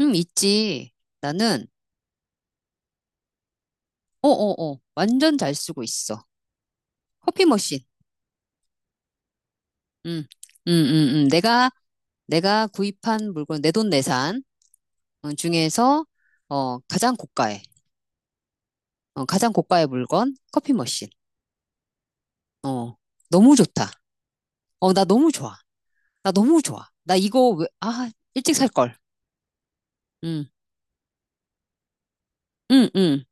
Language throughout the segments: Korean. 응, 있지. 나는, 완전 잘 쓰고 있어. 커피 머신. 응, 응, 응, 응. 내가 구입한 물건, 내돈 내산 중에서, 어, 가장 고가의, 가장 고가의 물건, 커피 머신. 어, 너무 좋다. 나 너무 좋아. 나 너무 좋아. 나 이거 왜, 아, 일찍 살걸. 응, 응, 응,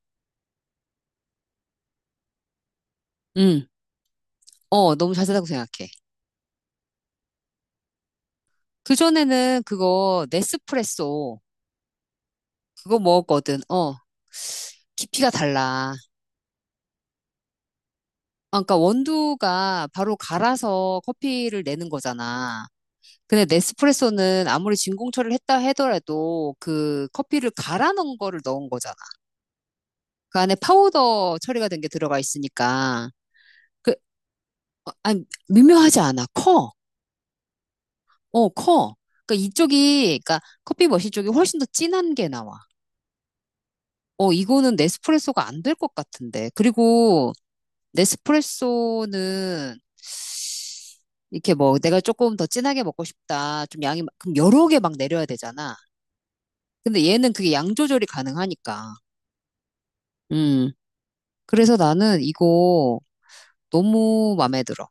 응. 너무 잘 산다고 생각해. 그전에는 그거, 네스프레소, 그거 먹었거든. 깊이가 달라. 아, 그러니까 원두가 바로 갈아서 커피를 내는 거잖아. 근데 네스프레소는 아무리 진공 처리를 했다 하더라도 그 커피를 갈아 넣은 거를 넣은 거잖아. 그 안에 파우더 처리가 된 게 들어가 있으니까 그 아니 미묘하지 않아. 커. 커. 그러니까 이쪽이 그러니까 커피 머신 쪽이 훨씬 더 진한 게 나와. 이거는 네스프레소가 안 될 것 같은데. 그리고 네스프레소는 이렇게 뭐 내가 조금 더 진하게 먹고 싶다. 좀 양이 막- 그럼 여러 개 막 내려야 되잖아. 근데 얘는 그게 양 조절이 가능하니까. 음. 그래서 나는 이거 너무 마음에 들어.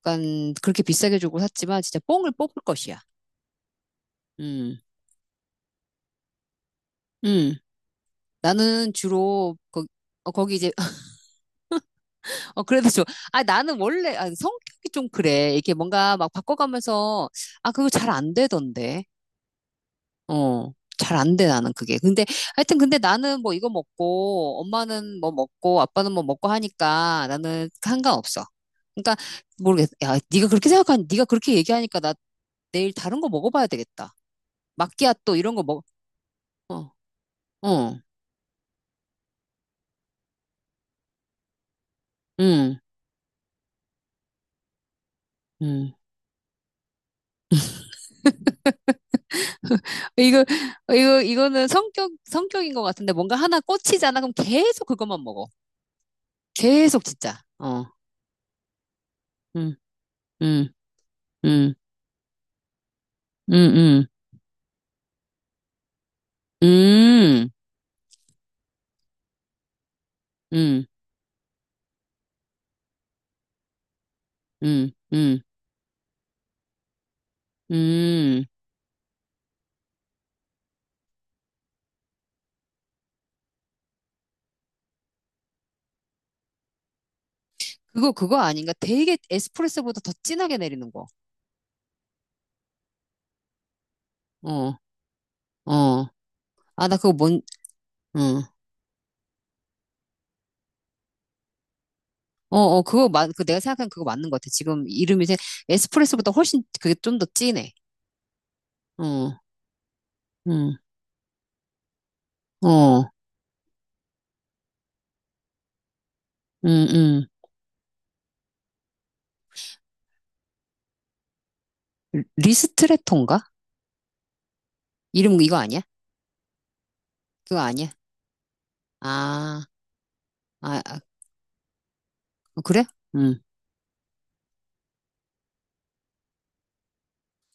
약간 그렇게 비싸게 주고 샀지만 진짜 뽕을 뽑을 것이야. 음. 음. 나는 주로 거, 거기 이제 그래도 좀 나는 원래 아, 성격이 좀 그래. 이게 뭔가 막 바꿔가면서 그거 잘 안 되던데. 어, 잘 안 돼, 나는 그게. 근데, 하여튼, 근데 나는 뭐 이거 먹고, 엄마는 뭐 먹고, 아빠는 뭐 먹고 하니까 나는 상관없어. 그러니까, 모르겠어. 야, 네가 그렇게 생각하니, 네가 그렇게 얘기하니까 나 내일 다른 거 먹어봐야 되겠다. 마끼아또 이런 거 먹, 어, 어, 음, 음. 이거, 이거는 성격인 것 같은데 뭔가 하나 꽂히잖아. 그럼 계속 그것만 먹어. 계속 진짜. 어, 음, 음, 음, 음, 음, 음, 음, 음, 음. 음, 그거, 그거 아닌가? 되게 에스프레소보다 더 진하게 내리는 거. 어, 어. 아, 나 그거 뭔, 응. 그 내가 생각한 그거 맞는 것 같아. 지금 이름이 이제 에스프레소보다 훨씬 그게 좀 더 진해. 어, 응, 어, 응, 응. 리스트레토인가? 이름 이거 아니야? 그거 아니야? 아, 아, 아, 어, 그래? 응.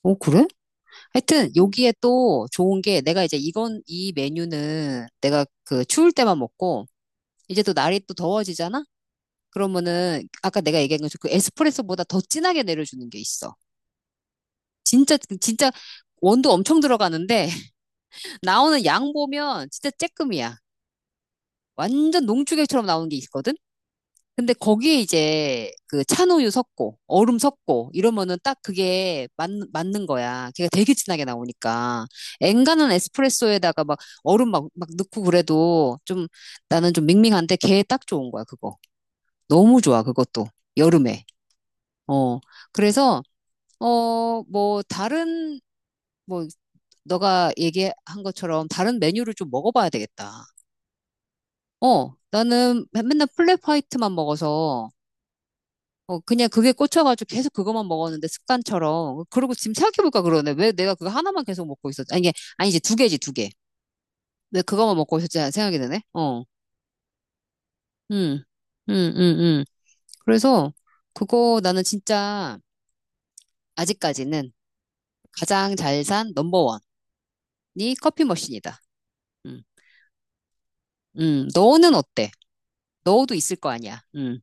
어, 그래? 하여튼, 여기에 또 좋은 게 내가 이제 이건, 이 메뉴는 내가 그 추울 때만 먹고, 이제 또 날이 또 더워지잖아? 그러면은 아까 내가 얘기한 것처럼 그 에스프레소보다 더 진하게 내려주는 게 있어. 진짜 진짜 원두 엄청 들어가는데 나오는 양 보면 진짜 쬐끔이야. 완전 농축액처럼 나오는 게 있거든. 근데 거기에 이제 그 찬우유 섞고 얼음 섞고 이러면은 맞는 거야. 걔가 되게 진하게 나오니까. 엔간한 에스프레소에다가 막 얼음 막 넣고 그래도 좀 나는 좀 밍밍한데 걔 딱 좋은 거야, 그거. 너무 좋아, 그것도. 여름에. 어. 그래서 어, 뭐, 다른, 뭐, 너가 얘기한 것처럼 다른 메뉴를 좀 먹어봐야 되겠다. 나는 맨날 플랫 화이트만 먹어서, 어, 그냥 그게 꽂혀가지고 계속 그것만 먹었는데 습관처럼. 그러고 지금 생각해볼까 그러네. 왜 내가 그거 하나만 계속 먹고 있었지? 아니, 이게, 아니지, 두 개지, 두 개. 왜 그거만 먹고 있었지? 하는 생각이 드네. 어, 음, 음, 음, 음. 그래서 그거 나는 진짜 아직까지는 가장 잘 산 넘버원이 커피 머신이다. 음, 너는 어때? 너도 있을 거 아니야. 음.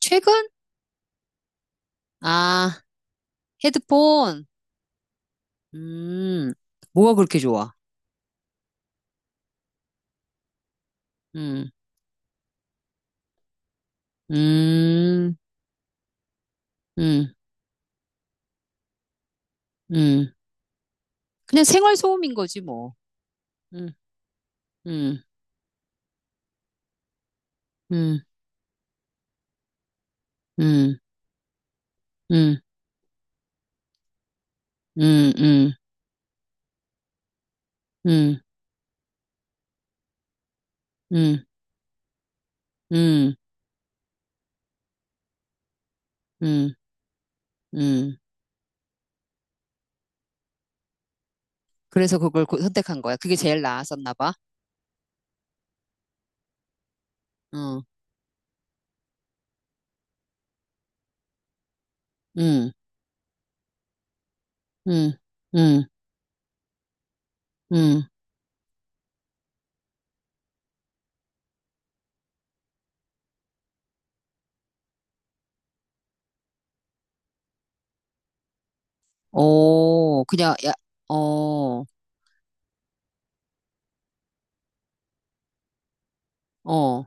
최근? 아, 헤드폰. 음, 뭐가 그렇게 좋아? 음, 음, 음, 음. 그냥 생활 소음인 거지 뭐. 음, 음, 음, 음, 음, 음, 음, 음, 음, 음, 음, 음. 그래서 그걸 고- 선택한 거야. 그게 제일 나았었나 봐. 응, 응, 응, 응, 응. 오, 그냥 야, 어, 어,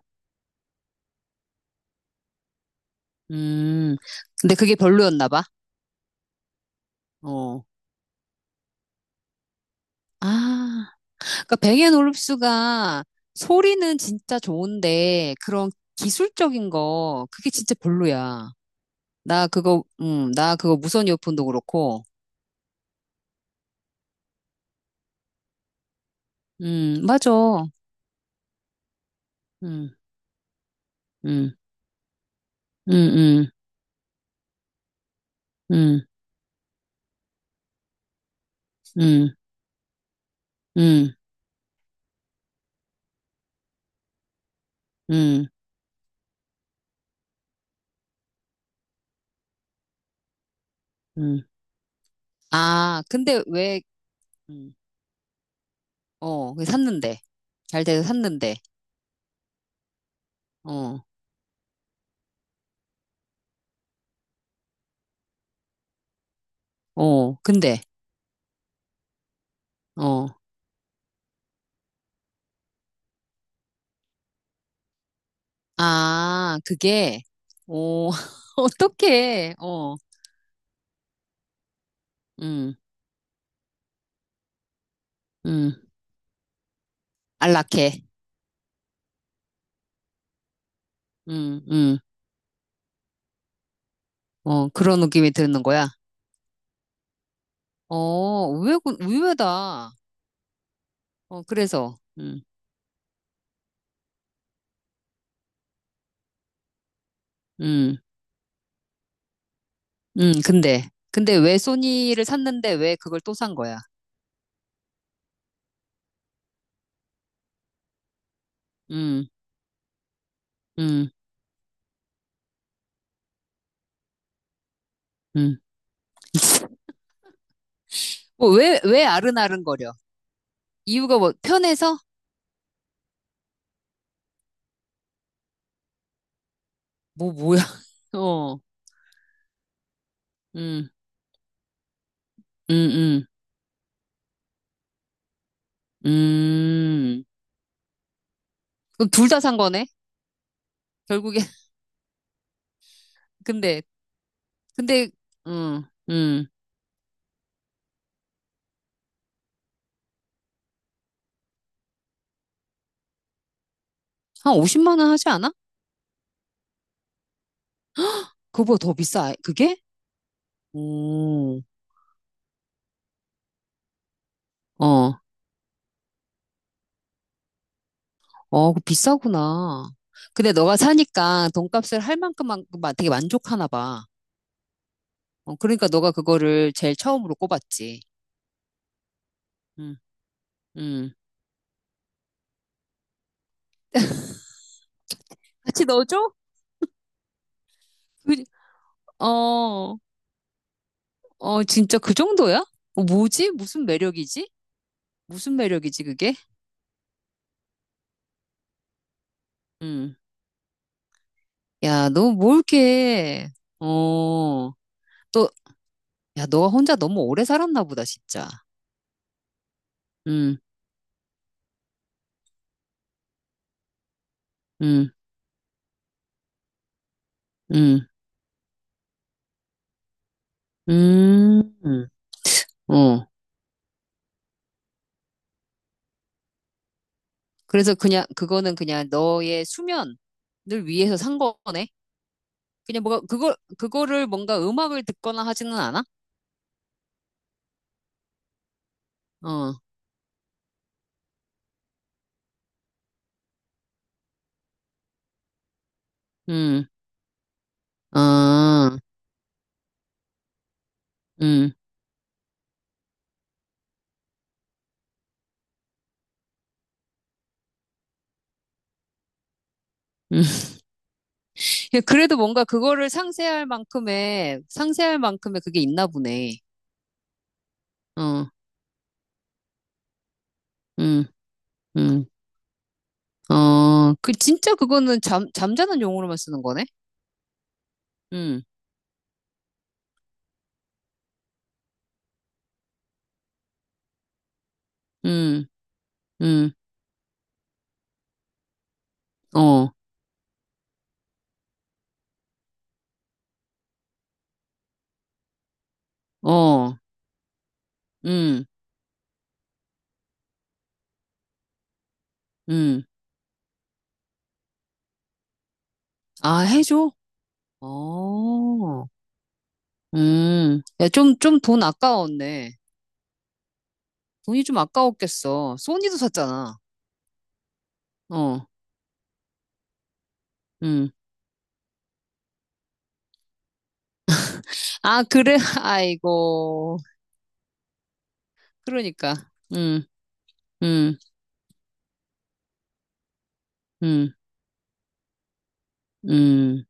음. 근데 그게 별로였나 봐. 어, 아, 그러니까 뱅앤 올립스가 소리는 진짜 좋은데 그런 기술적인 거 그게 진짜 별로야. 나 그거 나 그거 무선 이어폰도 그렇고. 맞아. 음, 음, 음, 음, 음, 음, 음, 음, 음. 아, 근데 왜 음, 어, 왜 샀는데. 잘 돼서 샀는데. 어. 어, 근데 어. 아, 그게 어, 어떡해. 어. 음, 음, 안락해. 음, 음, 어, 그런 느낌이 드는 거야. 의외다. 어, 그래서, 음, 근데 왜 소니를 샀는데 왜 그걸 또 산 거야? 음, 음, 음. 왜 아른아른거려? 이유가 뭐, 편해서? 뭐야? 어, 음, 음, 음, 음. 그럼 둘 다 산 거네? 결국에. 근데, 근데, 음, 음. 한 50만 원 하지 않아? 그거보다 더 비싸, 그게? 음, 어, 어, 그거 비싸구나. 근데 너가 사니까 돈값을 할 만큼만 되게 만족하나 봐. 어, 그러니까 너가 그거를 제일 처음으로 꼽았지. 음, 음. 같이 넣어줘? 그, 어, 어, 진짜 그 정도야? 어, 뭐지? 무슨 매력이지? 무슨 매력이지, 그게? 음. 야, 너 뭘 이렇게, 어, 또, 야, 너가 혼자 너무 오래 살았나 보다, 진짜. 음, 음, 음, 음, 음. 어. 그래서 그냥 그거는 그냥 너의 수면을 위해서 산 거네. 그냥 뭐가 그걸 그거를 뭔가 음악을 듣거나 하지는 않아? 어, 음, 아, 음, 음. 야, 그래도 뭔가 그거를 상세할 만큼의 그게 있나 보네. 어, 음, 음, 어, 그 진짜 그거는 잠 잠자는 용어로만 쓰는 거네. 음, 음, 음, 어, 어, 음, 음. 아, 해줘. 어. 야, 좀 돈 아까웠네. 돈이 좀 아까웠겠어. 소니도 샀잖아. 어, 음. 아, 그래? 아이고. 그러니까. 음, 음, 음, 음.